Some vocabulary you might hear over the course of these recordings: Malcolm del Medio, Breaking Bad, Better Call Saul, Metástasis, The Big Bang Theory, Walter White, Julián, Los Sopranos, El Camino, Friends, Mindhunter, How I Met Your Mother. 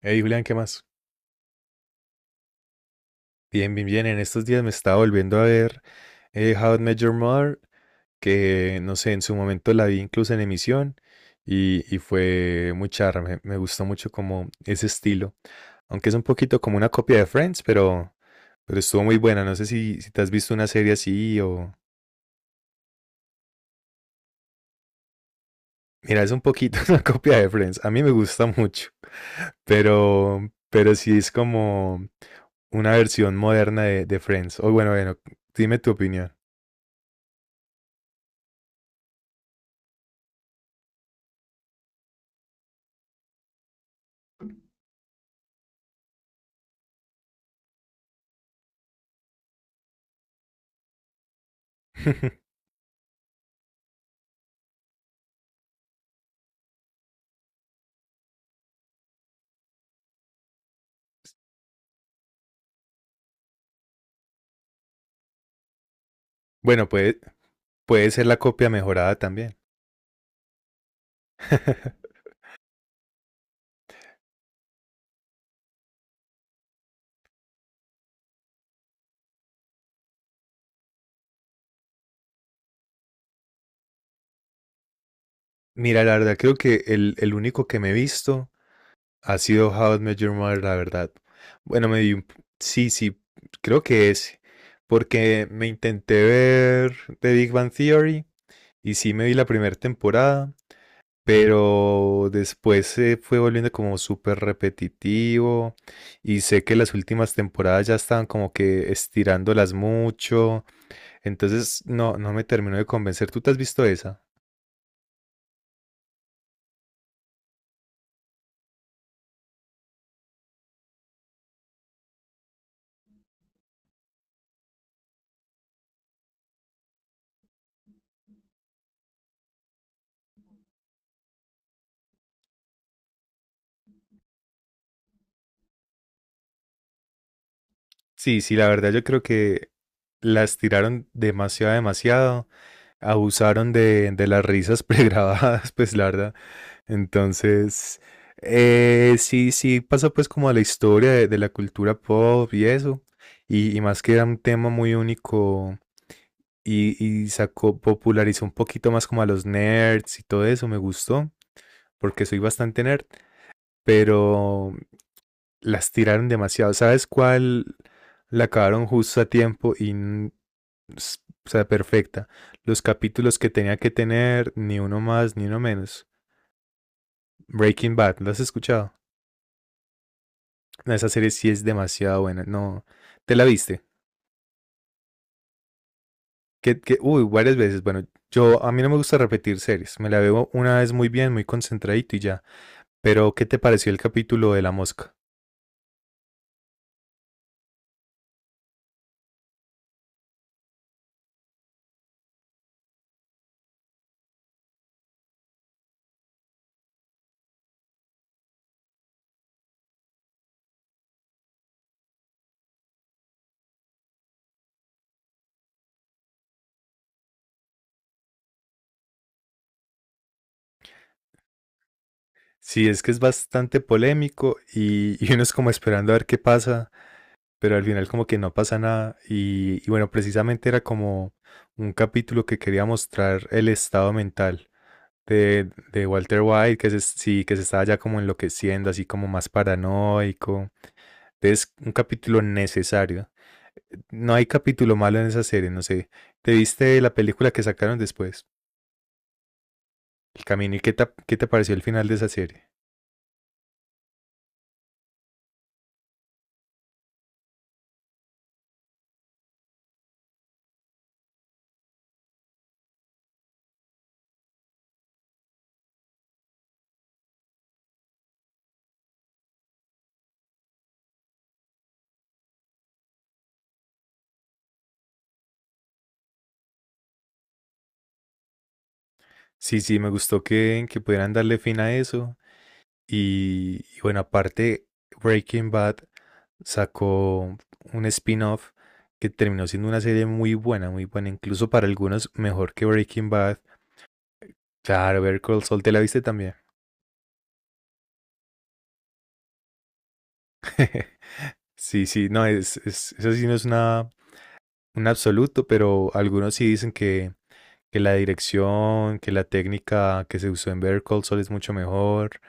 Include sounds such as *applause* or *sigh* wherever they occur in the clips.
Hey Julián, ¿qué más? Bien, bien, bien. En estos días me estaba volviendo a ver How I Met Your Mother, que no sé, en su momento la vi incluso en emisión y fue muy charra. Me gustó mucho como ese estilo. Aunque es un poquito como una copia de Friends, pero estuvo muy buena. No sé si te has visto una serie así o... Mira, es un poquito *laughs* una copia de Friends. A mí me gusta mucho, pero sí es como una versión moderna de Friends. O bueno, bueno, dime tu opinión. *laughs* Bueno, puede, puede ser la copia mejorada también. *laughs* Mira, la verdad, creo que el único que me he visto ha sido How I Met Your Mother, la verdad. Bueno, me vi, un- p- Sí, sí, creo que es. Porque me intenté ver The Big Bang Theory y sí me vi la primera temporada, pero después se fue volviendo como súper repetitivo y sé que las últimas temporadas ya estaban como que estirándolas mucho. Entonces, no, no me terminó de convencer. ¿Tú te has visto esa? Sí, sí, la verdad yo creo que la estiraron demasiado, demasiado. Abusaron de las risas *laughs* pregrabadas, pues la verdad. Entonces, sí, sí, pasa pues como a la historia de la cultura pop y eso. Y más que era un tema muy único y sacó, popularizó un poquito más como a los nerds y todo eso, me gustó porque soy bastante nerd, pero las tiraron demasiado. ¿Sabes cuál? La acabaron justo a tiempo y, o sea, perfecta. Los capítulos que tenía que tener, ni uno más, ni uno menos. Breaking Bad, ¿lo has escuchado? No, esa serie sí es demasiado buena. No, ¿te la viste? Uy, varias veces. Bueno, yo a mí no me gusta repetir series. Me la veo una vez muy bien, muy concentradito y ya. Pero, ¿qué te pareció el capítulo de la mosca? Sí, es que es bastante polémico y uno es como esperando a ver qué pasa, pero al final como que no pasa nada y bueno, precisamente era como un capítulo que quería mostrar el estado mental de Walter White, que se estaba ya como enloqueciendo, así como más paranoico. Es un capítulo necesario. No hay capítulo malo en esa serie, no sé. ¿Te viste la película que sacaron después? El camino. ¿Y qué te pareció el final de esa serie? Sí, sí, me gustó que pudieran darle fin a eso. Y bueno, aparte, Breaking Bad sacó un spin-off que terminó siendo una serie muy buena, incluso para algunos mejor que Breaking Bad. Claro, Better Call Saul, ¿te la viste también? *laughs* Sí, sí, no, eso sí no es una, un absoluto, pero algunos sí dicen que la dirección, que la técnica que se usó en Better Call Saul es mucho mejor.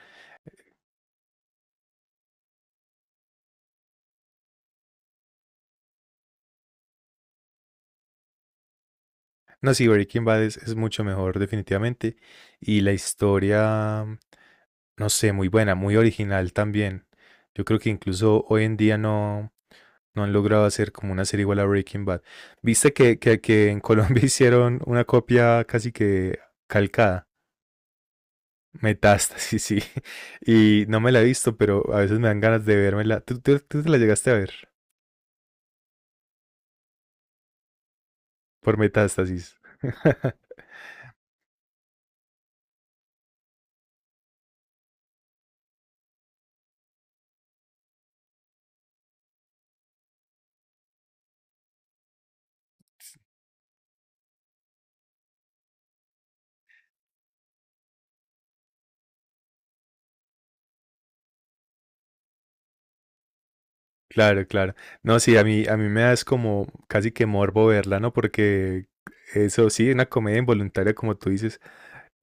No, sí, Breaking Bad es mucho mejor definitivamente. Y la historia, no sé, muy buena, muy original también. Yo creo que incluso hoy en día no, no han logrado hacer como una serie igual a Breaking Bad. ¿Viste que en Colombia *laughs* hicieron una copia casi que calcada? Metástasis, sí. Y no me la he visto, pero a veces me dan ganas de vérmela. ¿Tú te la llegaste a ver por Metástasis? *laughs* Claro, claro. No, sí, a mí me da es como casi que morbo verla, ¿no? Porque eso sí, una comedia involuntaria, como tú dices.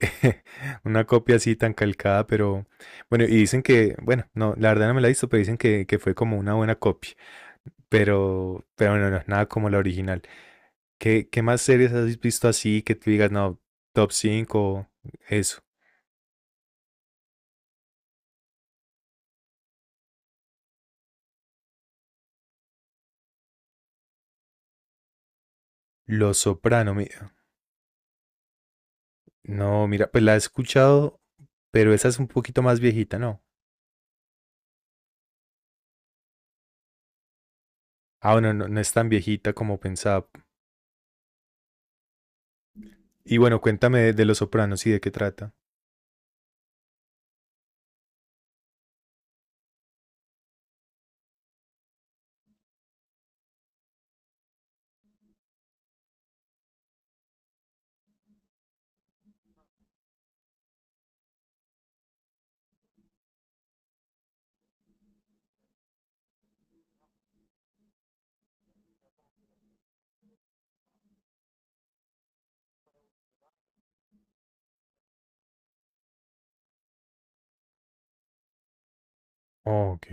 *laughs* Una copia así tan calcada, pero bueno, y dicen que, bueno, no, la verdad no me la he visto, pero dicen que fue como una buena copia, pero bueno, no es nada como la original. ¿Qué más series has visto así que tú digas, no, top 5 eso? Los Soprano, no, mira, pues la he escuchado, pero esa es un poquito más viejita, ¿no? Ah, bueno, no, no es tan viejita como pensaba. Y bueno, cuéntame de Los Sopranos y de qué trata. Ok.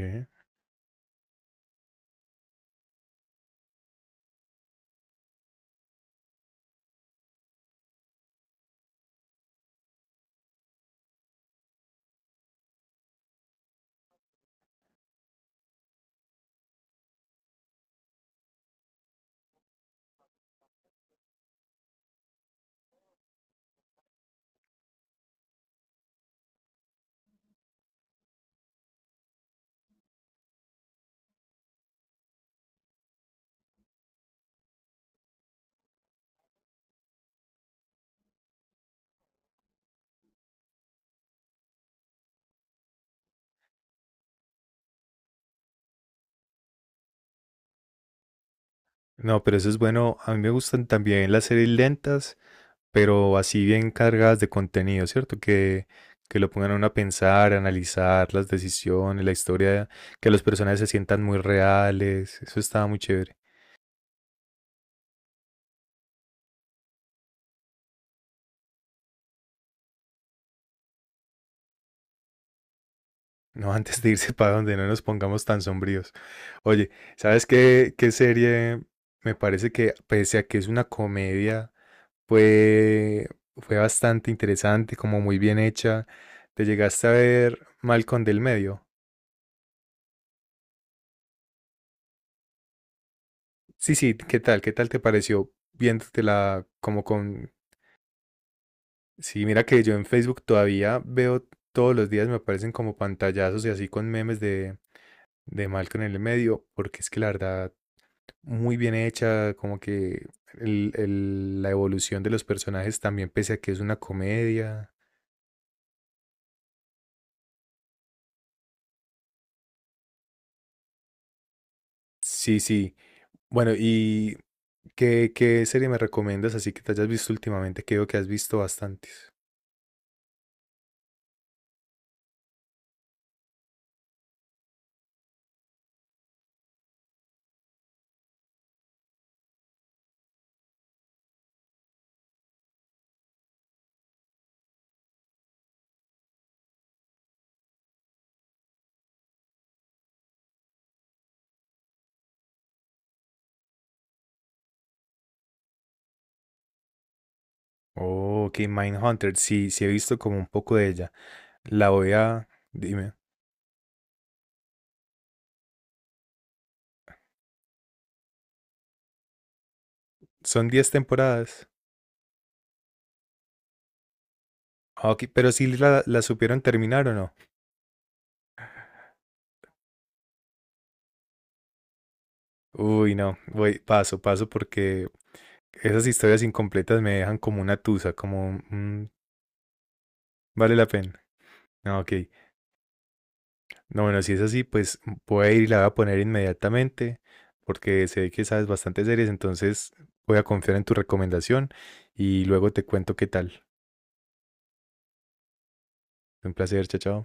No, pero eso es bueno. A mí me gustan también las series lentas, pero así bien cargadas de contenido, ¿cierto? Que lo pongan a uno a pensar, a analizar las decisiones, la historia, que los personajes se sientan muy reales. Eso estaba muy chévere. *laughs* No, antes de irse para donde no nos pongamos tan sombríos. Oye, ¿sabes qué serie? Me parece que, pese a que es una comedia, fue, fue bastante interesante, como muy bien hecha. ¿Te llegaste a ver Malcolm del Medio? Sí, sí, ¿qué tal? ¿Qué tal te pareció viéndotela como con... Sí, mira que yo en Facebook todavía veo todos los días, me aparecen como pantallazos y así con memes de Malcolm en el medio, porque es que la verdad, muy bien hecha, como que la evolución de los personajes también, pese a que es una comedia. Sí, sí. Bueno, ¿y qué serie me recomiendas así que te hayas visto últimamente? Que veo que has visto bastantes. Oh, ok, Mindhunter, sí, sí he visto como un poco de ella. La voy a... Dime, son 10 temporadas. Ah, ok, pero si la supieron terminar o no. Uy, no, voy paso, paso porque esas historias incompletas me dejan como una tusa, como vale la pena. No, ok. No, bueno, si es así, pues voy a ir y la voy a poner inmediatamente porque sé que sabes bastantes series, entonces voy a confiar en tu recomendación y luego te cuento qué tal. Un placer, chao, chao.